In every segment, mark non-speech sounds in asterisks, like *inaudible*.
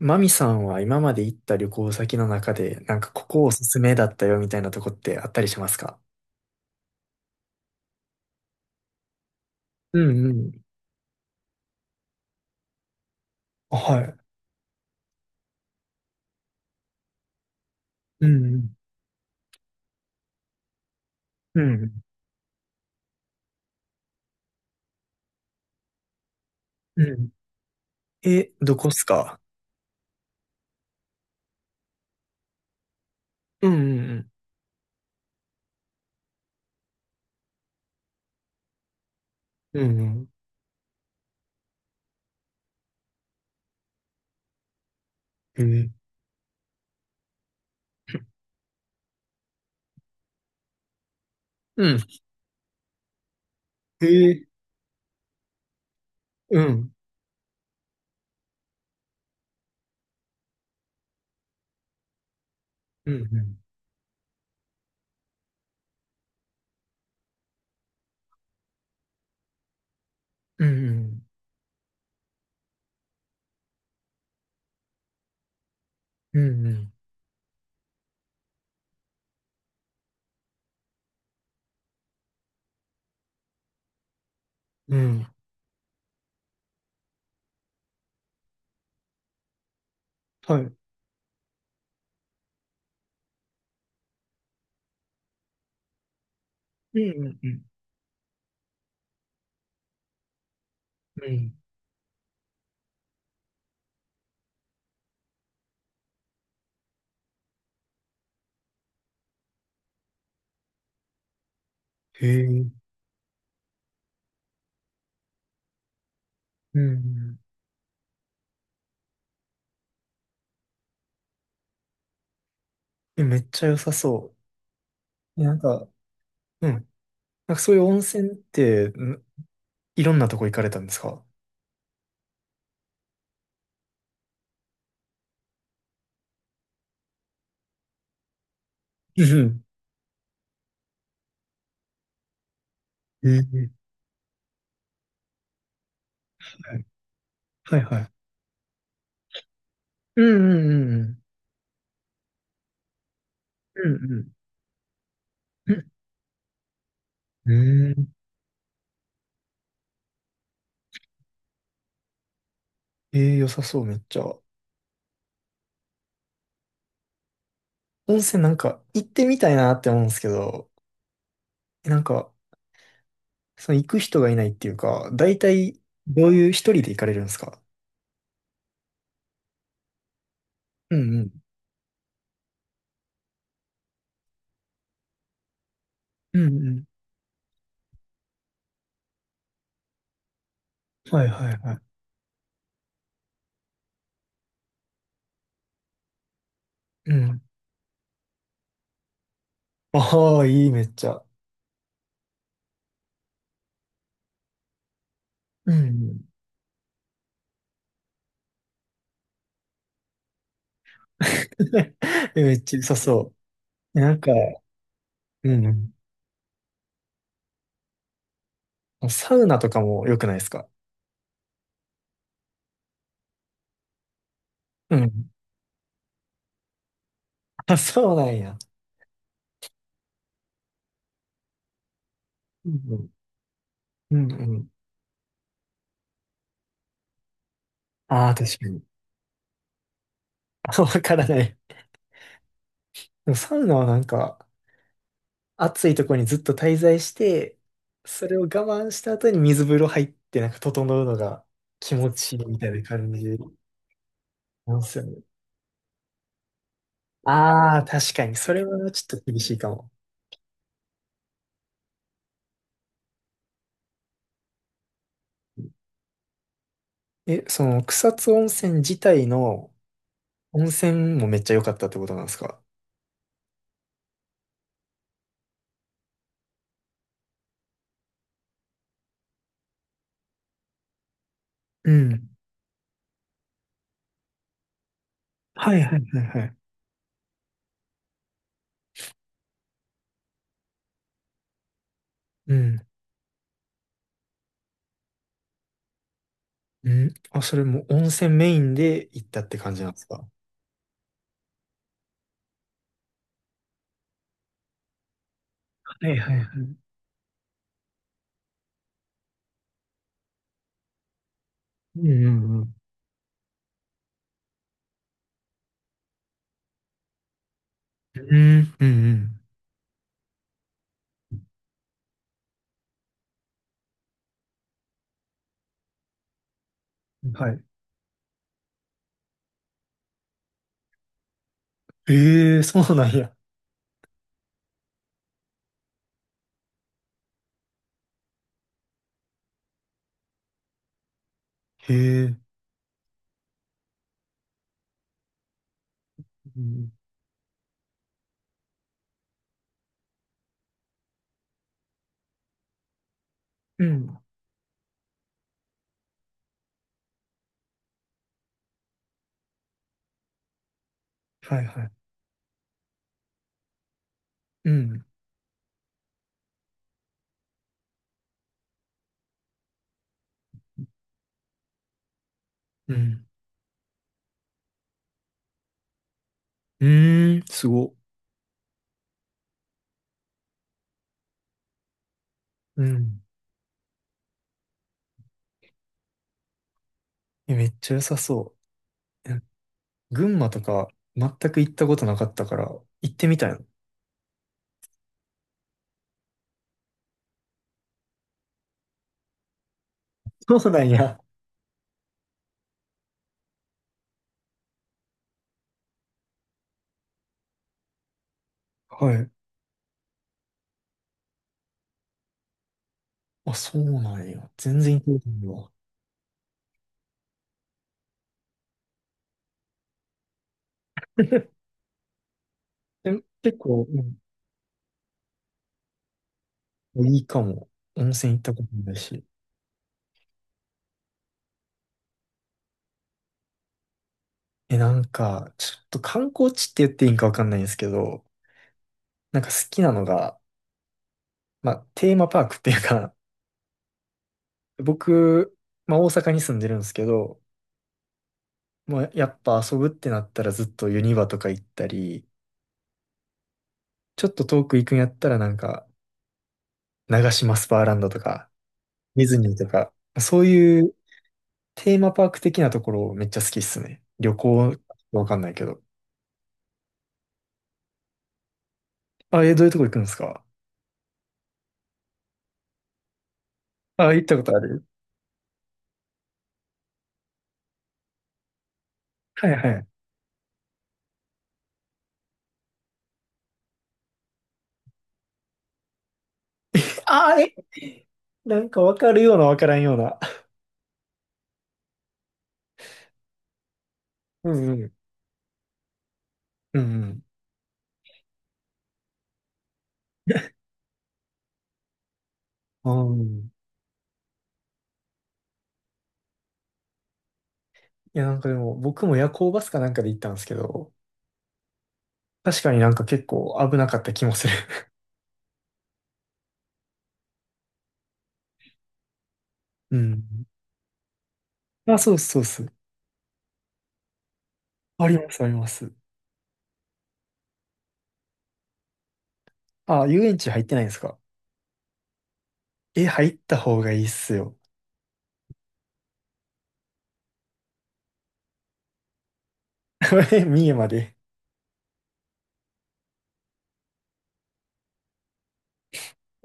マミさんは今まで行った旅行先の中で、なんかここおすすめだったよみたいなとこってあったりしますか？うんうん。あ、はい。うんうん。うんうん。え、どこっすか？うんうんうん。うんうん。へえ、うん。へえ、うんうんうん。うんうん。うんうん。うん、はい。うんうんうん。うん、へえ。うん。え、めっちゃ良さそう。なんか、うん。なんかそういう温泉って、いろんなとこ行かれたんですか？うんうん。へえ、はいはい。うんうんうんうん。うんうん、うーん。えー、良さそう、めっちゃ。温泉なんか行ってみたいなって思うんですけど、なんか、その行く人がいないっていうか、大体どういう一人で行かれるんですか？うんうん。うんうん。はいはいはい。うん。ああ、いい、めっちゃ。うんうん。 *laughs* え、めっちゃ良さそう。なんか、うんうん。サウナとかも良くないですか？うん。あ、そうなんや。うんうん。うんうん。ああ、確かに。*laughs* わからない。でもサウナはなんか、暑いところにずっと滞在して、それを我慢した後に水風呂入って、なんか整うのが気持ちいいみたいな感じなんですよね。ああ、確かに。それはちょっと厳しいかも。え、その草津温泉自体の温泉もめっちゃ良かったってことなんですか？うん。はいはいはいはい。うん。うん。あ、それも温泉メインで行ったって感じなんですか？はいはいはい。うんうんうん。うんうんうん。はい。ええ、そうなんや。へえ、うん、うん。はいはい。うん。うん、うーん、すご。うん。え、めっちゃ良さそう。え、群馬とか全く行ったことなかったから行ってみたいの。そうなんや。はい。あ、そうなんや。全然行ったことないわ。*laughs* え、結構、うん。いいかも。温泉行ったことないし。え、なんか、ちょっと観光地って言っていいんかわかんないんですけど、なんか好きなのが、まあ、テーマパークっていうか、僕、まあ、大阪に住んでるんですけど、もうやっぱ遊ぶってなったらずっとユニバとか行ったり、ちょっと遠く行くんやったらなんか、長島スパーランドとか、ディズニーとか、そういうテーマパーク的なところめっちゃ好きっすね。旅行、わかんないけど。あ、え、どういうとこ行くんですか？あ、行ったことある？はいはい。あ、え、なんかわかるようなわからんような。うんうん。うんうん。あん。いや、なんかでも、僕も夜行バスかなんかで行ったんですけど、確かになんか結構危なかった気もする。うん。あ、そうそうそう。あります、あります。あ、遊園地入ってないんですか？え、入った方がいいっすよ。*laughs* 三重まで。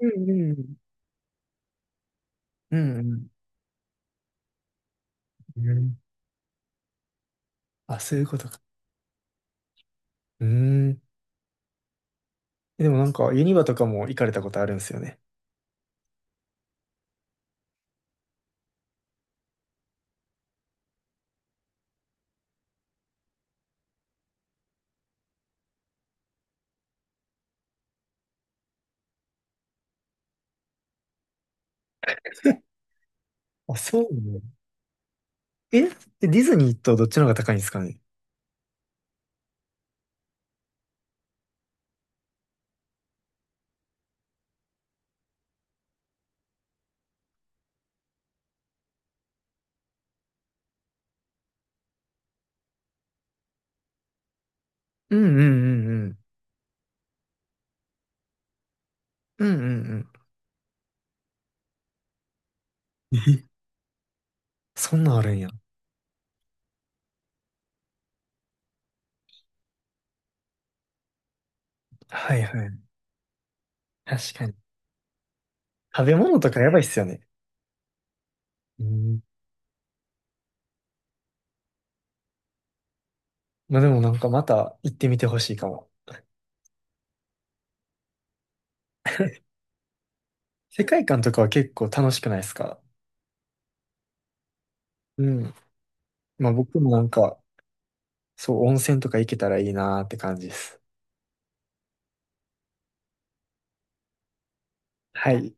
うんうん。うんうん。うん。あ、そういうことか。うーん。でもなんか、ユニバとかも行かれたことあるんですよね。あ、そうね。え、ディズニーとどっちの方が高いんですかね？うんうんうんうん。うんうんうん。え、そんなんあるんや。はいはい。確かに。食べ物とかやばいっすよね。うん。まあでもなんかまた行ってみてほしいかも。世界観とかは結構楽しくないですか？うん。まあ僕もなんか、そう、温泉とか行けたらいいなーって感じです。はい。